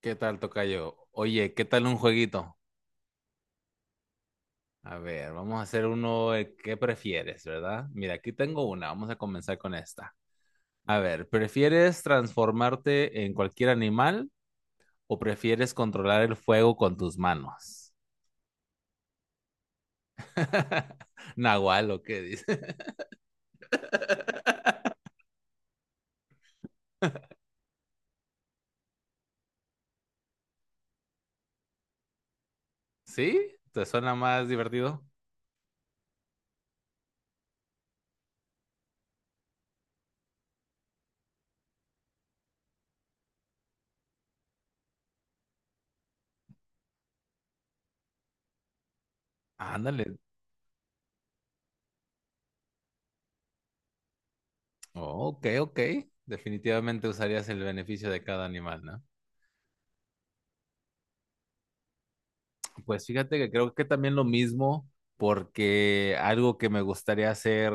¿Qué tal, tocayo? Oye, ¿qué tal un jueguito? A ver, vamos a hacer uno, ¿qué prefieres, verdad? Mira, aquí tengo una, vamos a comenzar con esta. A ver, ¿prefieres transformarte en cualquier animal o prefieres controlar el fuego con tus manos? Nahual, ¿o qué dice? ¿Sí? ¿Te suena más divertido? Ándale. Oh, ok, ok. Definitivamente usarías el beneficio de cada animal, ¿no? Pues fíjate que creo que también lo mismo, porque algo que me gustaría hacer,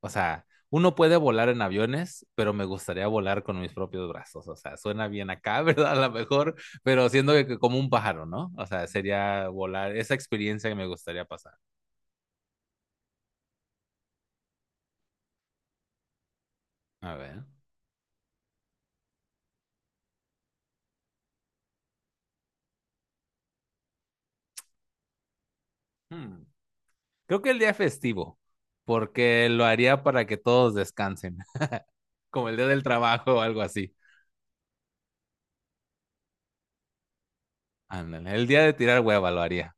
o sea, uno puede volar en aviones, pero me gustaría volar con mis propios brazos, o sea, suena bien acá, ¿verdad? A lo mejor, pero siendo que como un pájaro, ¿no? O sea, sería volar, esa experiencia que me gustaría pasar. A ver. hmm, Creo que el día festivo, porque lo haría para que todos descansen, como el día del trabajo o algo así. Ándale, el día de tirar hueva lo haría.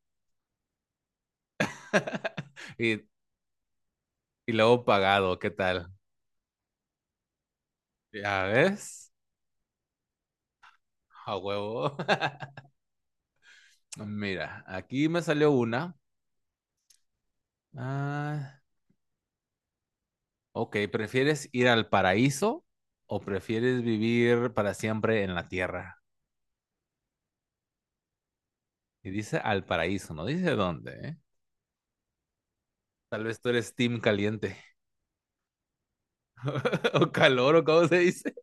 Y, y luego pagado, ¿qué tal? ¿Ya ves? A huevo. Mira, aquí me salió una. Ah, ok, ¿prefieres ir al paraíso o prefieres vivir para siempre en la tierra? Y dice al paraíso, no dice dónde, ¿eh? Tal vez tú eres team caliente. O calor, o cómo se dice.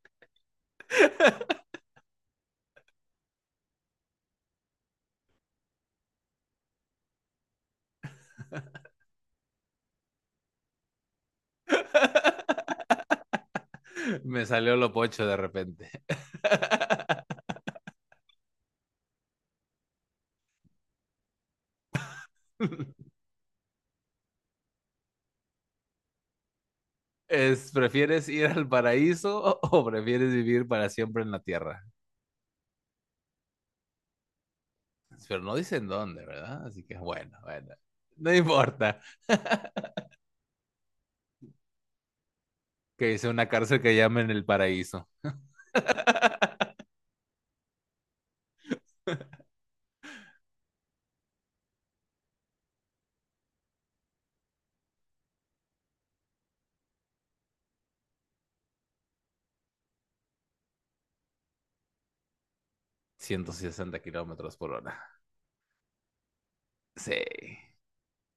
Me salió lo pocho de repente. Es, ¿prefieres ir al paraíso o prefieres vivir para siempre en la tierra? Pero no dicen dónde, ¿verdad? Así que bueno, bueno, no importa. Que es una cárcel que llaman El Paraíso. 160 kilómetros por hora. Sí.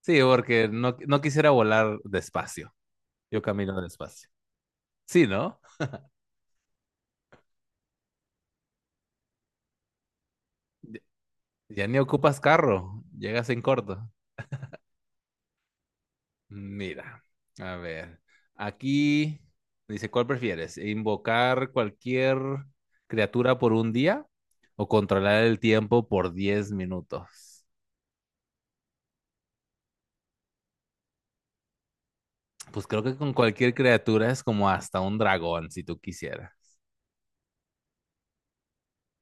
Sí, porque no, no quisiera volar despacio. Yo camino despacio. Sí, ¿no? Ya- Ya ni ocupas carro. Llegas en corto. Mira, a ver. Aquí dice, ¿cuál prefieres? ¿Invocar cualquier criatura por un día o controlar el tiempo por 10 minutos? Pues creo que con cualquier criatura es como hasta un dragón, si tú quisieras.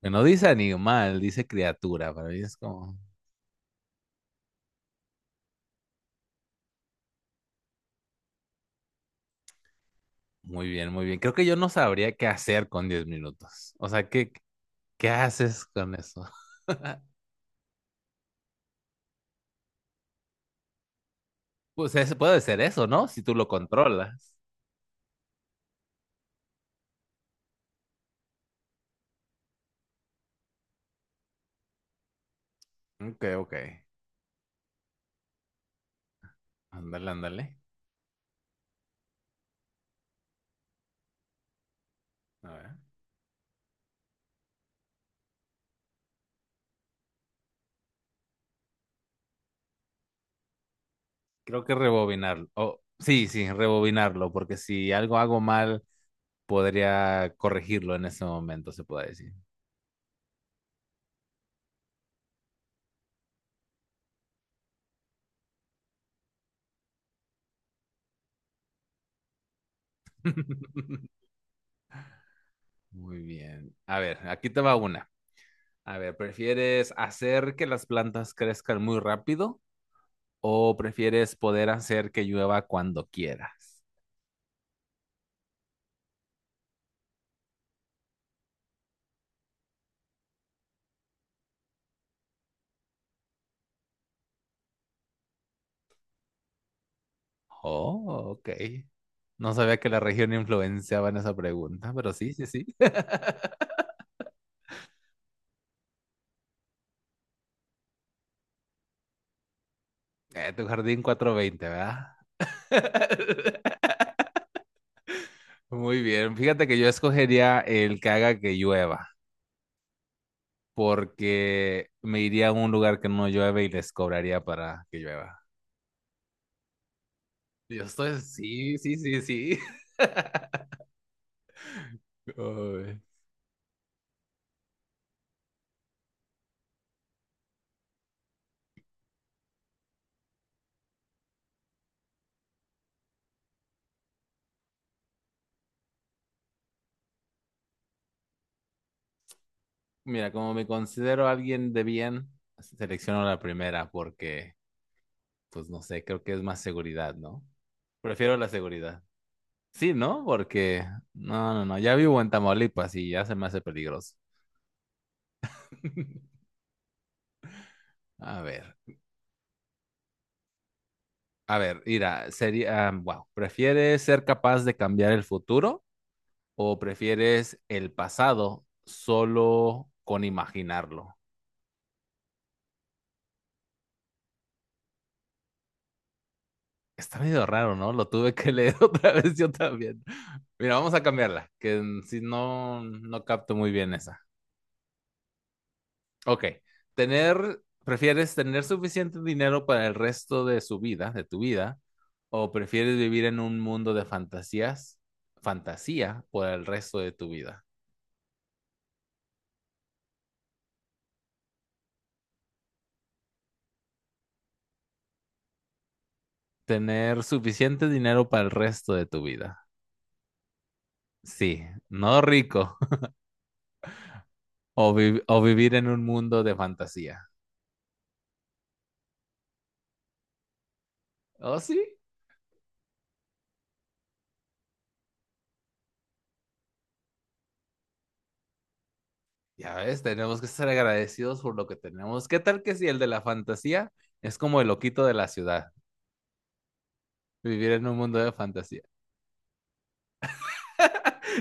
Que no dice animal, dice criatura. Para mí es como, muy bien, muy bien. Creo que yo no sabría qué hacer con 10 minutos. O sea, ¿qué, qué haces con eso? Pues puede ser eso, ¿no? Si tú lo controlas. Ok, ok. Ándale, ándale. A ver. Creo que rebobinarlo. Oh, sí, sí, rebobinarlo, porque si algo hago mal, podría corregirlo en ese momento, se puede decir. Muy bien. A ver, aquí te va una. A ver, ¿prefieres hacer que las plantas crezcan muy rápido o prefieres poder hacer que llueva cuando quieras? Oh, ok. No sabía que la región influenciaba en esa pregunta, pero sí, sí, sí. Tu jardín 420, ¿verdad? Muy bien. Fíjate que yo escogería el que haga que llueva, porque me iría a un lugar que no llueve y les cobraría para que llueva. Yo estoy, sí, sí, sí, sí. Ay. Mira, como me considero alguien de bien, selecciono la primera porque pues no sé, creo que es más seguridad, ¿no? Prefiero la seguridad. Sí, ¿no? Porque no, no, no, ya vivo en Tamaulipas y ya se me hace peligroso. A ver, a ver, mira, sería, ah, wow, ¿prefieres ser capaz de cambiar el futuro o prefieres el pasado solo con imaginarlo? Está medio raro, ¿no? Lo tuve que leer otra vez yo también. Mira, vamos a cambiarla, que si no, no capto muy bien esa. Ok. Tener, ¿prefieres tener suficiente dinero para el resto de su vida, de tu vida, o prefieres vivir en un mundo de fantasías, fantasía por el resto de tu vida? Tener suficiente dinero para el resto de tu vida. Sí, no rico. O vivir en un mundo de fantasía. ¿Oh, sí? Ya ves, tenemos que ser agradecidos por lo que tenemos. ¿Qué tal que si el de la fantasía es como el loquito de la ciudad? Vivir en un mundo de fantasía.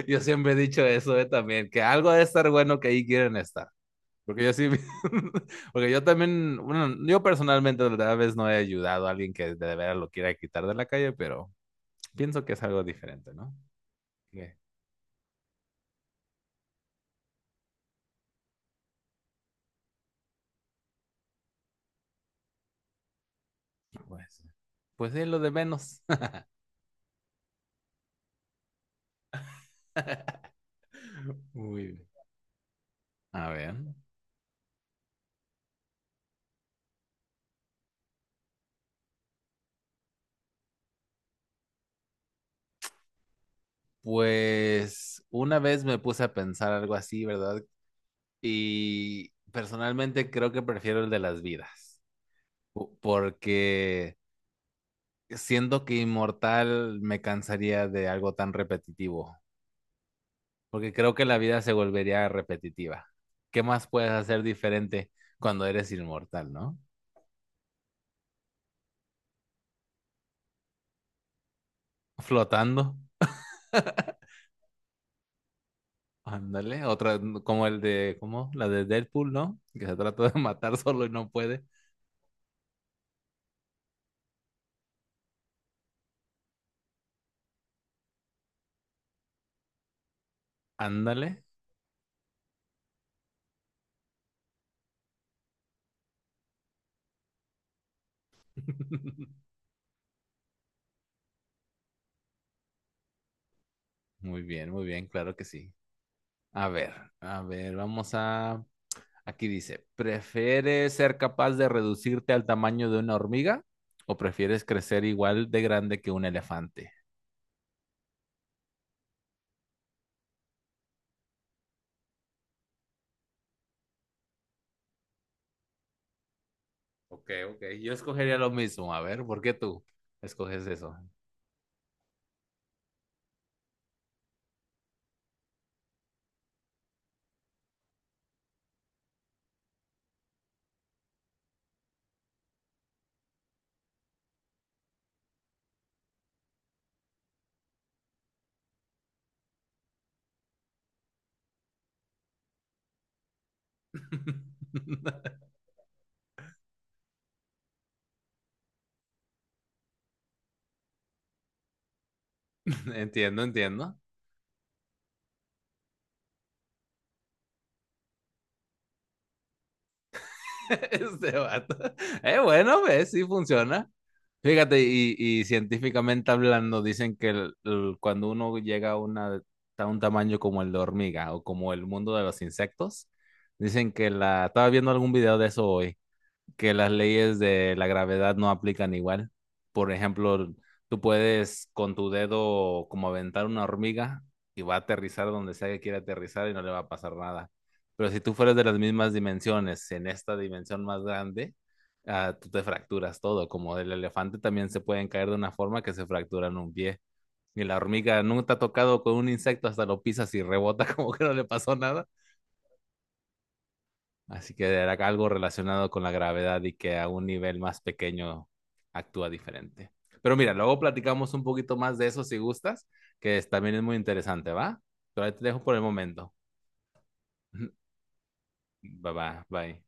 Yo siempre he dicho eso también, que algo debe estar bueno que ahí quieren estar. Porque yo sí, porque yo también, bueno, yo personalmente tal vez no he ayudado a alguien que de veras lo quiera quitar de la calle, pero pienso que es algo diferente, ¿no? Que, pues, pues es lo de menos. Muy bien. A ver, pues una vez me puse a pensar algo así, ¿verdad? Y personalmente creo que prefiero el de las vidas, porque siento que inmortal me cansaría de algo tan repetitivo, porque creo que la vida se volvería repetitiva. ¿Qué más puedes hacer diferente cuando eres inmortal, no? Flotando, ándale, otra como el de, ¿cómo? La de Deadpool, ¿no? Que se trata de matar solo y no puede. Ándale. Muy bien, claro que sí. A ver, a ver, vamos a aquí dice, ¿prefieres ser capaz de reducirte al tamaño de una hormiga o prefieres crecer igual de grande que un elefante? Ok, ok, yo escogería lo mismo. A ver, ¿por qué tú escoges eso? Entiendo, entiendo. Este vato. Bueno, ves, sí funciona. Fíjate, y científicamente hablando, dicen que cuando uno llega a un tamaño como el de hormiga o como el mundo de los insectos, dicen que la... Estaba viendo algún video de eso hoy, que las leyes de la gravedad no aplican igual. Por ejemplo, tú puedes con tu dedo como aventar una hormiga y va a aterrizar donde sea que quiera aterrizar y no le va a pasar nada. Pero si tú fueras de las mismas dimensiones, en esta dimensión más grande, ah, tú te fracturas todo. Como el elefante también se pueden caer de una forma que se fracturan un pie. Y la hormiga nunca te ha tocado con un insecto, hasta lo pisas y rebota como que no le pasó nada. Así que era algo relacionado con la gravedad y que a un nivel más pequeño actúa diferente. Pero mira, luego platicamos un poquito más de eso si gustas, que también es muy interesante, ¿va? Pero ahí te dejo por el momento. Bye bye, bye.